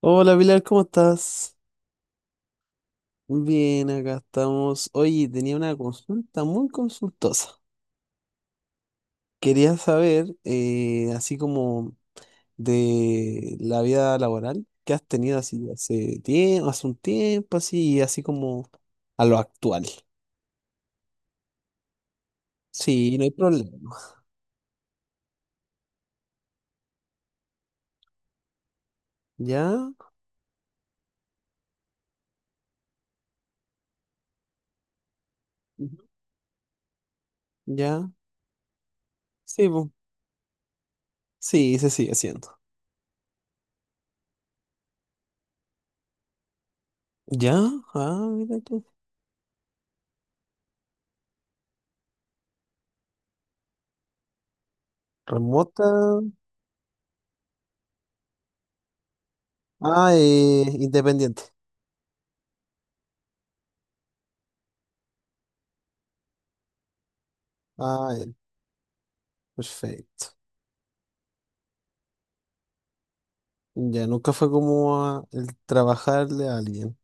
Hola Pilar, ¿cómo estás? Bien, acá estamos. Oye, tenía una consulta muy consultosa. Quería saber, así como de la vida laboral que has tenido así hace tiempo, hace un tiempo, así, y así como a lo actual. Sí, no hay problema. ¿Ya? Ujú. ¿Ya? Sí, sí, se sigue haciendo. ¿Ya? Ah, mira tú. Remota. Ah, independiente. Ah, ya, perfecto. Ya nunca fue como el trabajarle a alguien.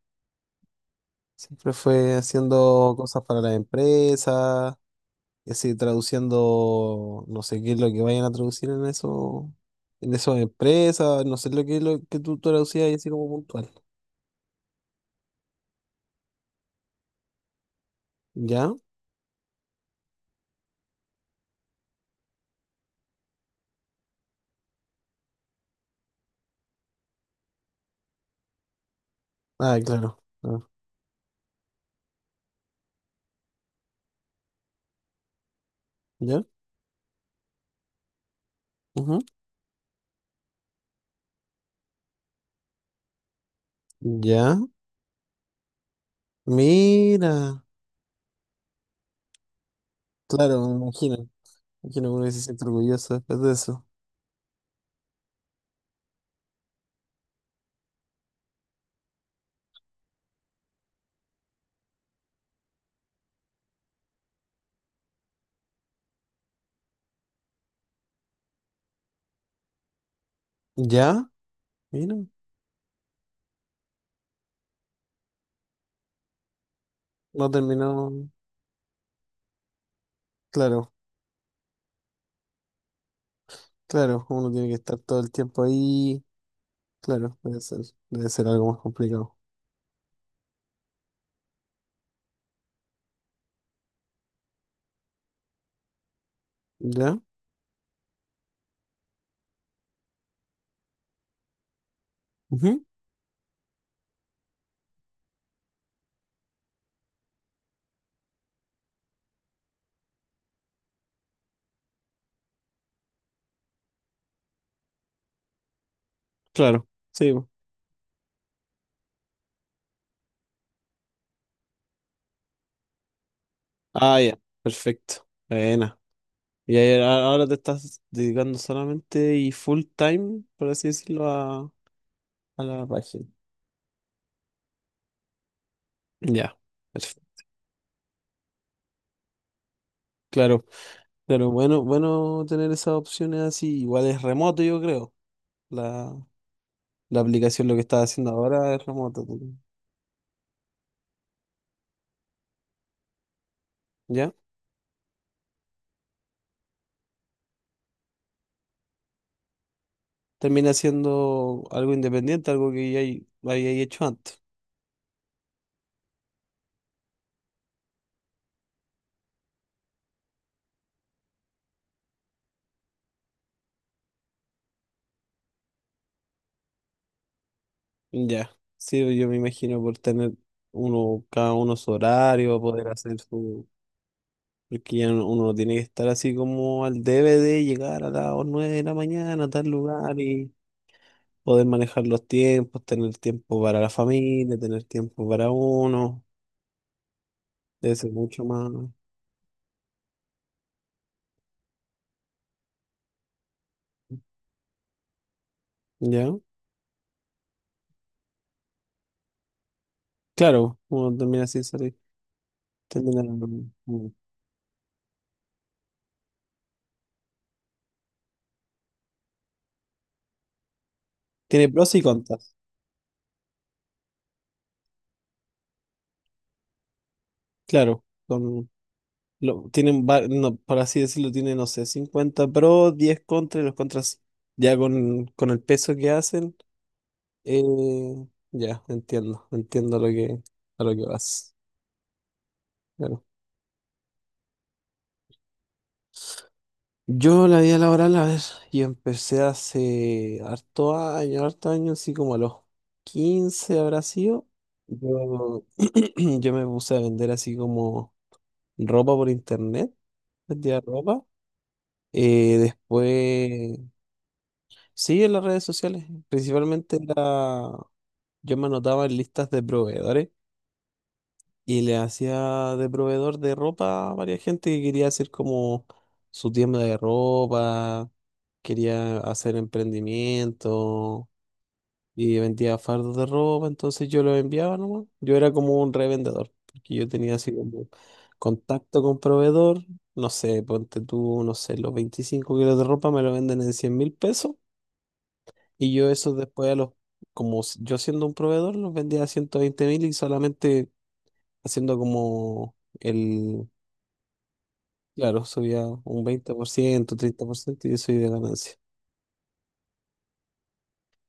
Siempre fue haciendo cosas para las empresas, y así traduciendo, no sé qué es lo que vayan a traducir en eso, en esas empresas, no sé lo que es lo que tú traducías y así como puntual. ¿Ya? Ah, claro. Ah, ¿ya? Ujú. ¿Ya? Mira. Claro, me imagino. Me Imagino que uno se siente orgulloso después de eso. ¿Ya? Mira. No terminó. Claro. Claro, uno tiene que estar todo el tiempo ahí. Claro, debe ser algo más complicado. ¿Ya? Ujú. Claro, sí. bo. Ah, ya, perfecto. Buena. Y ahí ahora te estás dedicando solamente y full time, por así decirlo, a la página. Ya, perfecto. Claro, claro, bueno, bueno tener esas opciones así. Igual es remoto, yo creo. La, la aplicación, lo que estás haciendo ahora es remoto. ¿Ya? Termina siendo algo independiente, algo que ya había hecho antes. Ya, sí, yo me imagino por tener uno, cada uno su horario, poder hacer su... Porque ya uno no tiene que estar así como al debe de llegar a las 9 de la mañana a tal lugar y poder manejar los tiempos, tener tiempo para la familia, tener tiempo para uno, debe ser mucho más, ¿ya? Claro, uno termina así, termina... Tiene pros y contras, claro. Con, Lo, tienen, va- No, por así decirlo, tiene, no sé, 50 pros, 10 contras, y los contras ya con el peso que hacen, eh, ya, entiendo, entiendo lo que, a lo que vas. Claro. Yo la vida laboral, a ver, yo empecé hace harto año, así como a los 15 habrá sido. Yo, yo me puse a vender así como ropa por internet, vendía ropa. Después. Sí, en las redes sociales. Principalmente era, yo me anotaba en listas de proveedores y le hacía de proveedor de ropa a varias gente que quería hacer como su tienda de ropa, quería hacer emprendimiento y vendía fardos de ropa, entonces yo los enviaba nomás. Yo era como un revendedor, porque yo tenía así como contacto con proveedor, no sé, ponte tú, no sé, los 25 kilos de ropa me lo venden en $100.000 y yo eso después a los, como yo siendo un proveedor, los vendía a 120.000 y solamente haciendo como el, claro, subía un 20% 30% y eso iba de ganancia.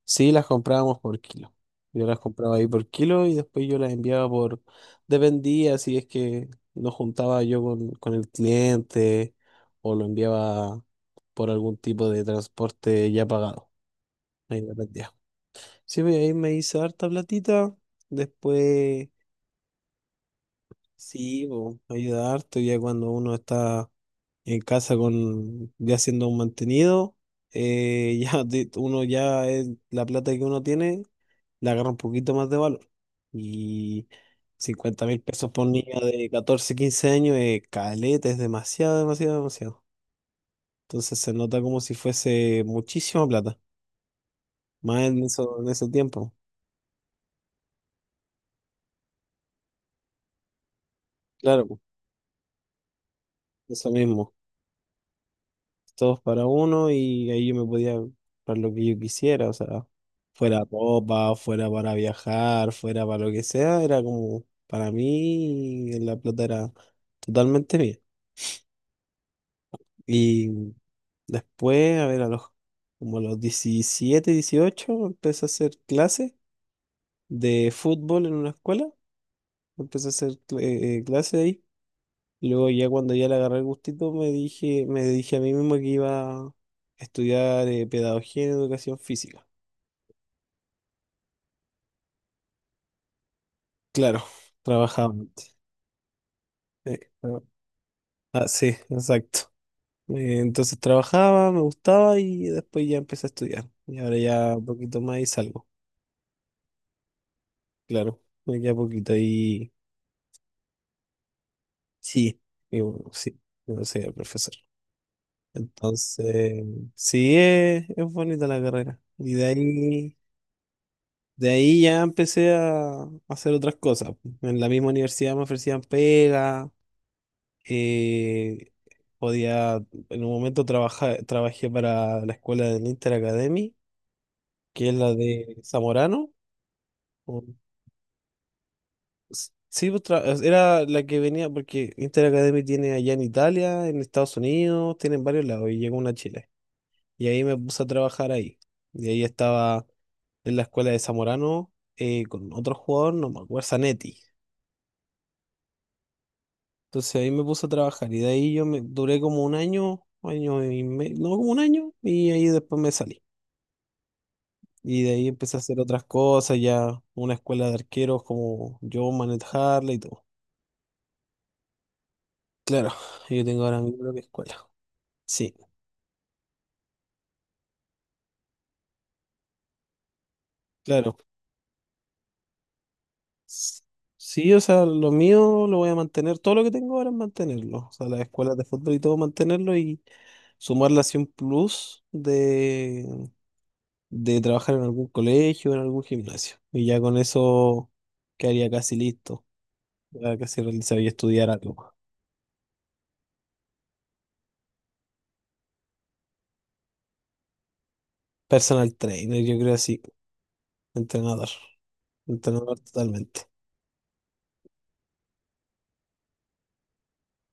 Sí, las comprábamos por kilo. Yo las compraba ahí por kilo y después yo las enviaba por, dependía si es que nos juntaba yo con el cliente o lo enviaba por algún tipo de transporte ya pagado. Ahí dependía. Sí, pues, ahí me hice harta platita. Después, sí, po, ayuda harto ya cuando uno está en casa con ya siendo un mantenido, ya uno ya es, la plata que uno tiene le agarra un poquito más de valor. Y $50.000 por niño de 14 15 años es caleta, es demasiado, demasiado, demasiado. Entonces se nota como si fuese muchísima plata, más en eso, en ese tiempo. Claro, po, eso mismo. Todos para uno y ahí yo me podía comprar lo que yo quisiera, o sea, fuera ropa, fuera para viajar, fuera para lo que sea, era como para mí la plata era totalmente mía. Y después, a ver, a los como a los 17 18 empecé a hacer clases de fútbol en una escuela, empecé a hacer clases ahí. Luego ya cuando ya le agarré el gustito me dije a mí mismo que iba a estudiar pedagogía en educación física. Claro, trabajaba antes, sí, no, ah, sí, exacto. Entonces trabajaba, me gustaba y después ya empecé a estudiar. Y ahora ya un poquito más y salgo. Claro, me queda poquito y sí, y bueno, sí, yo soy el profesor. Entonces, sí, es bonita la carrera. Y de ahí ya empecé a hacer otras cosas. En la misma universidad me ofrecían pega. Eh, Podía, en un momento trabajé para la escuela del Inter Academy, que es la de Zamorano. o- Sí, pues, era la que venía, porque Inter Academy tiene allá en Italia, en Estados Unidos, tiene en varios lados, y llegó una a Chile. Y ahí me puse a trabajar ahí. Y ahí estaba en la escuela de Zamorano con otro jugador, no me acuerdo, Zanetti. Entonces ahí me puse a trabajar y de ahí yo me duré como un año, año y medio, no, como un año, y ahí después me salí. Y de ahí empecé a hacer otras cosas, ya una escuela de arqueros como yo, Manet Harley y todo. Claro, yo tengo ahora mi propia escuela. Sí, claro. S- Sí, o sea, lo mío lo voy a mantener, todo lo que tengo ahora es mantenerlo. O sea, las escuelas de fútbol y todo, mantenerlo y sumarle así un plus de trabajar en algún colegio, en algún gimnasio. Y ya con eso quedaría casi listo, ya casi realizado y estudiar algo. Personal trainer, yo creo así, entrenador. Entrenador totalmente.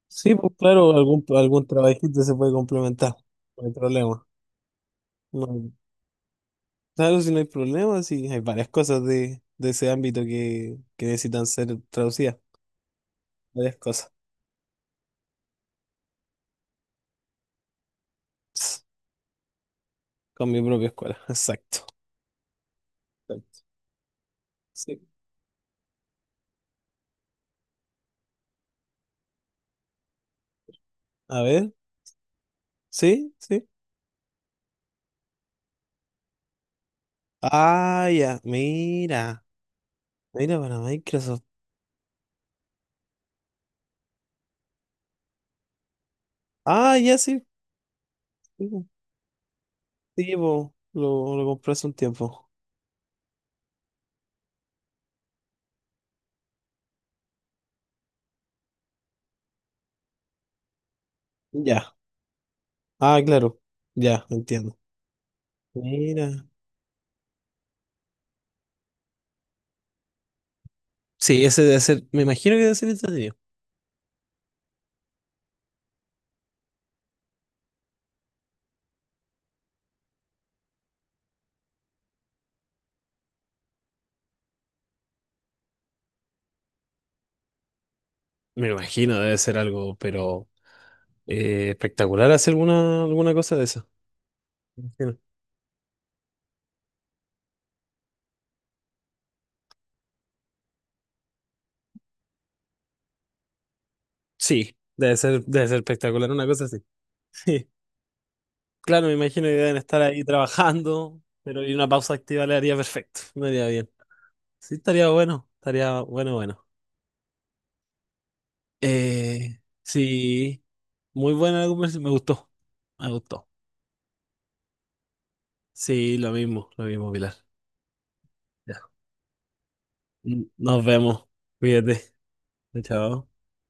Sí, pues claro, algún, algún trabajito se puede complementar. No hay problema. No, claro, si no hay problema, sí, hay varias cosas de ese ámbito que necesitan ser traducidas. Varias cosas. Ps, Con mi propia escuela. Exacto. Exacto. Sí. A ver. Sí, sí. Ah, ya. Mira. Mira para Microsoft. Ah, ya sí. Sí, sí, po. Lo compré hace un tiempo. Ya. Ah, claro. Ya, entiendo. Mira. Sí, ese debe ser, me imagino que debe ser entretenido. Me imagino, debe ser algo, pero espectacular hacer alguna, alguna cosa de eso. Imagino. Sí, debe ser espectacular una cosa así. Sí. Claro, me imagino que deben estar ahí trabajando, pero y una pausa activa le haría perfecto, me haría bien. Sí, estaría bueno, bueno. Sí, muy buena la conversación, me gustó, me gustó. Sí, lo mismo, Pilar. Ya. Nos vemos, cuídate, chao.